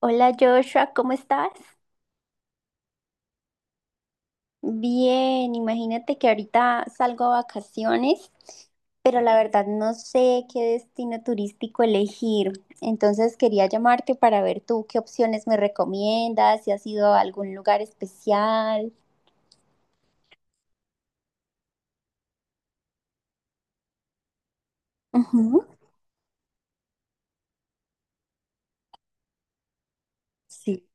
Hola Joshua, ¿cómo estás? Bien, imagínate que ahorita salgo a vacaciones, pero la verdad no sé qué destino turístico elegir. Entonces quería llamarte para ver tú qué opciones me recomiendas, si has ido a algún lugar especial. Ujú. Sí.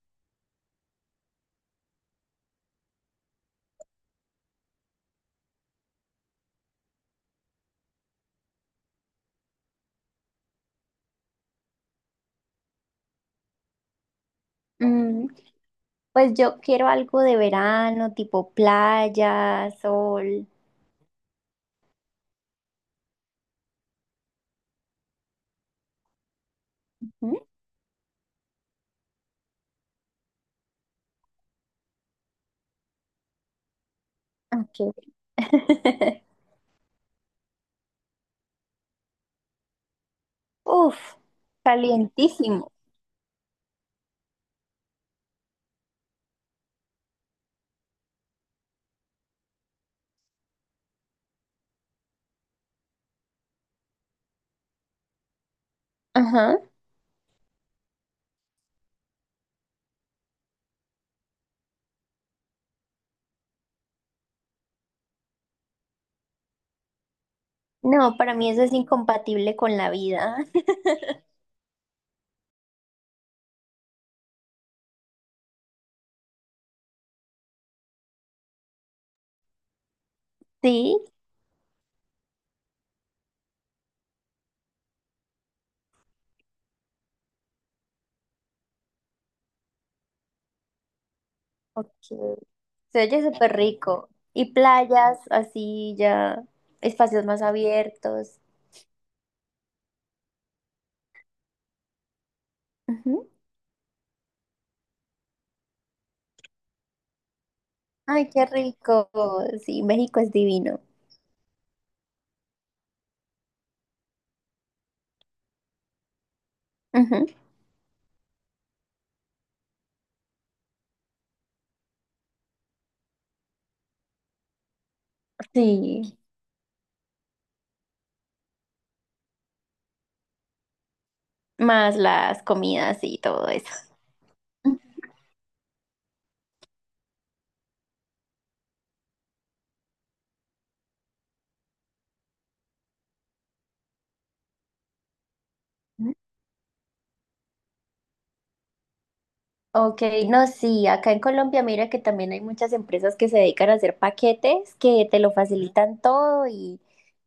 Mm, pues yo quiero algo de verano, tipo playa, sol. Ujú. Ok. Uf, calientísimo. Ajá. No, para mí eso es incompatible con la vida. Sí. Ok. Se oye súper rico. Y playas, así ya, espacios más abiertos. Ujú. Ay, qué rico. Sí, México es divino. Ujú. Sí, más las comidas y todo eso. Ujú. Ok, no, sí, acá en Colombia mira que también hay muchas empresas que se dedican a hacer paquetes que te lo facilitan todo y,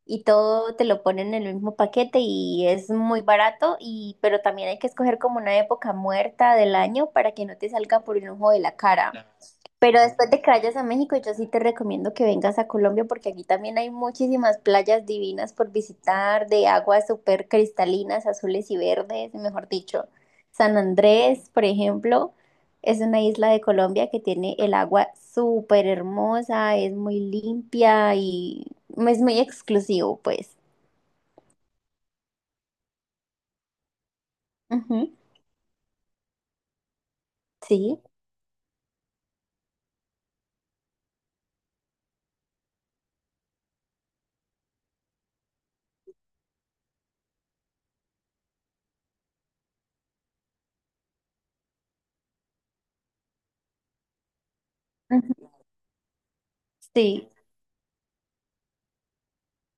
y todo te lo ponen en el mismo paquete y es muy barato y pero también hay que escoger como una época muerta del año para que no te salga por un ojo de la cara. Pero después de que vayas a México, yo sí te recomiendo que vengas a Colombia porque aquí también hay muchísimas playas divinas por visitar, de aguas súper cristalinas, azules y verdes, mejor dicho. San Andrés, por ejemplo, es una isla de Colombia que tiene el agua súper hermosa, es muy limpia y es muy exclusivo, pues. Ujú. Sí, ujú, sí.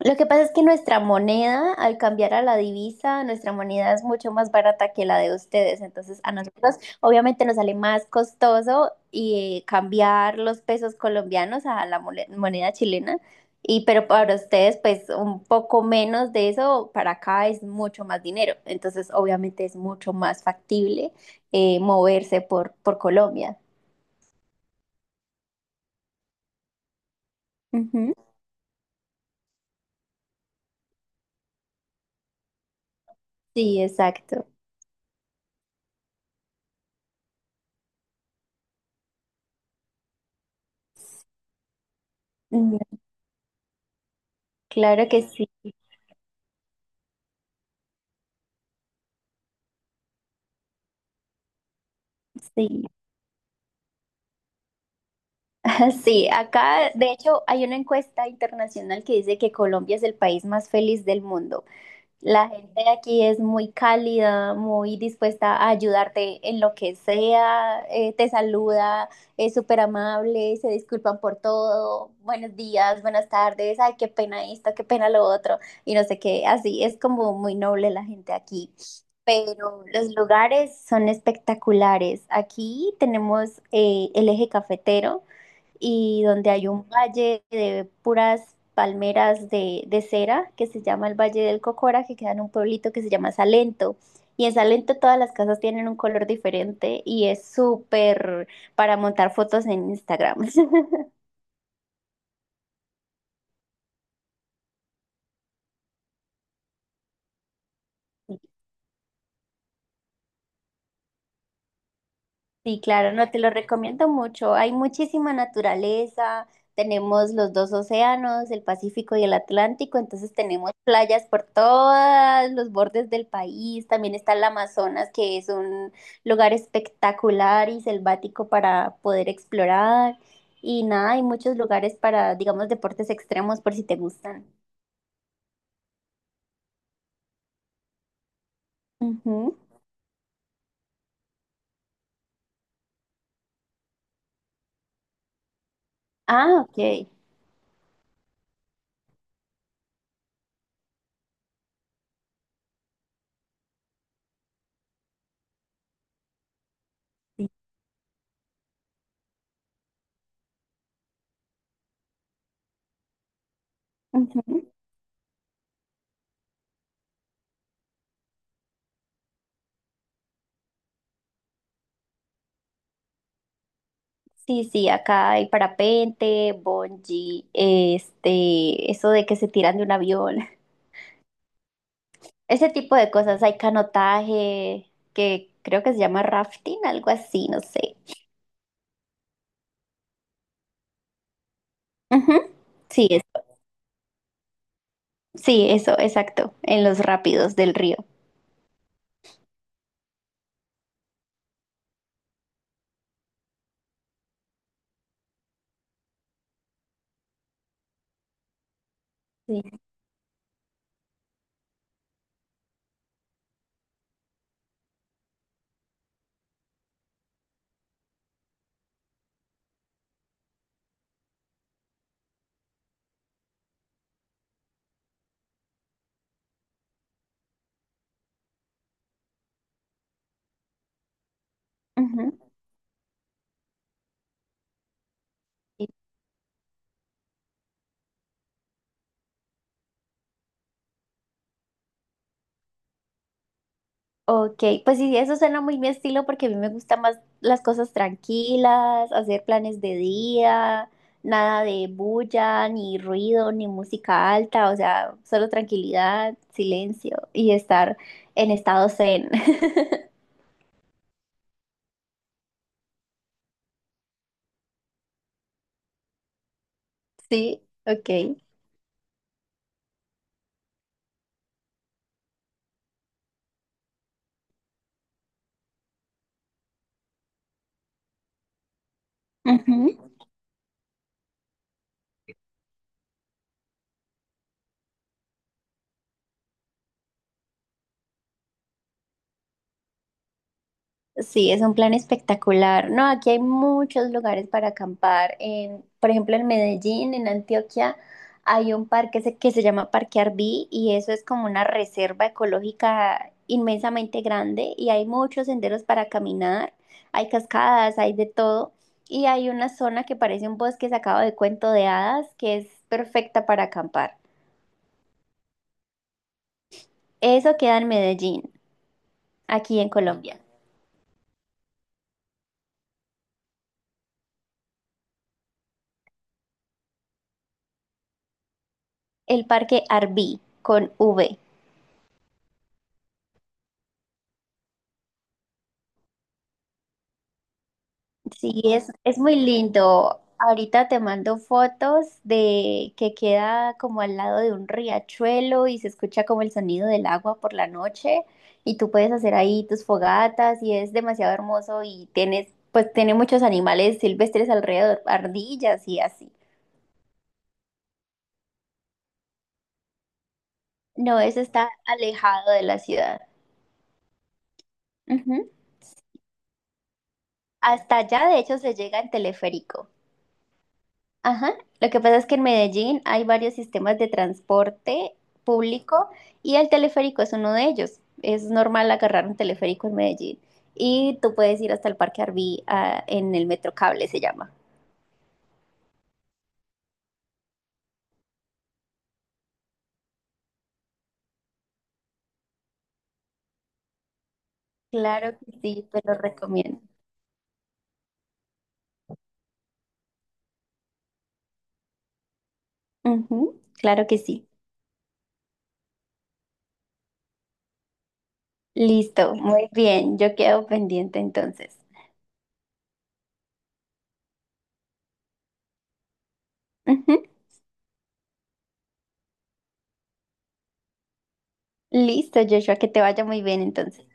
Lo que pasa es que nuestra moneda, al cambiar a la divisa, nuestra moneda es mucho más barata que la de ustedes. Entonces, a nosotros obviamente nos sale más costoso y cambiar los pesos colombianos a la moneda chilena. Y pero para ustedes, pues un poco menos de eso, para acá es mucho más dinero. Entonces, obviamente es mucho más factible moverse por Colombia. Ujú. Sí, exacto. Mm, claro que sí. Sí. Sí, acá de hecho hay una encuesta internacional que dice que Colombia es el país más feliz del mundo. La gente de aquí es muy cálida, muy dispuesta a ayudarte en lo que sea, te saluda, es súper amable, se disculpan por todo, buenos días, buenas tardes, ay, qué pena esto, qué pena lo otro, y no sé qué, así es como muy noble la gente aquí. Pero los lugares son espectaculares. Aquí tenemos el eje cafetero y donde hay un valle de puras palmeras de cera que se llama el Valle del Cocora, que queda en un pueblito que se llama Salento. Y en Salento todas las casas tienen un color diferente y es súper para montar fotos en Instagram. Sí, claro, no te lo recomiendo mucho. Hay muchísima naturaleza, tenemos los dos océanos, el Pacífico y el Atlántico, entonces tenemos playas por todos los bordes del país. También está el Amazonas, que es un lugar espectacular y selvático para poder explorar. Y nada, hay muchos lugares para, digamos, deportes extremos por si te gustan. Ujú. Ah, ok. Sí. Ujú. Sí, sí, acá hay parapente, bungee, este, eso de que se tiran de un avión, ese tipo de cosas. Hay canotaje, que creo que se llama rafting, algo así, no sé. Ujú. Sí, eso, sí, eso, exacto, en los rápidos del río. Sí. Ujú. Ok, pues sí, eso suena muy mi estilo porque a mí me gustan más las cosas tranquilas, hacer planes de día, nada de bulla, ni ruido, ni música alta, o sea, solo tranquilidad, silencio y estar en estado zen. Sí. Ok. Sí, es un plan espectacular. No, aquí hay muchos lugares para acampar. En, por ejemplo, en Medellín, en Antioquia, hay un parque que se llama Parque Arví y eso es como una reserva ecológica inmensamente grande y hay muchos senderos para caminar, hay cascadas, hay de todo y hay una zona que parece un bosque sacado de cuento de hadas que es perfecta para acampar. Eso queda en Medellín, aquí en Colombia. El Parque Arví con V. Sí, es muy lindo. Ahorita te mando fotos de que queda como al lado de un riachuelo y se escucha como el sonido del agua por la noche y tú puedes hacer ahí tus fogatas y es demasiado hermoso y tienes, pues tiene muchos animales silvestres alrededor, ardillas y así. No, eso está alejado de la ciudad. Ujú. Hasta allá, de hecho, se llega en teleférico. Ajá, lo que pasa es que en Medellín hay varios sistemas de transporte público y el teleférico es uno de ellos. Es normal agarrar un teleférico en Medellín y tú puedes ir hasta el Parque Arví en el Metrocable, se llama. Claro que sí, te lo recomiendo. Ujú, claro que sí. Listo, muy bien, yo quedo pendiente entonces. Ujú. Listo, Joshua, que te vaya muy bien entonces.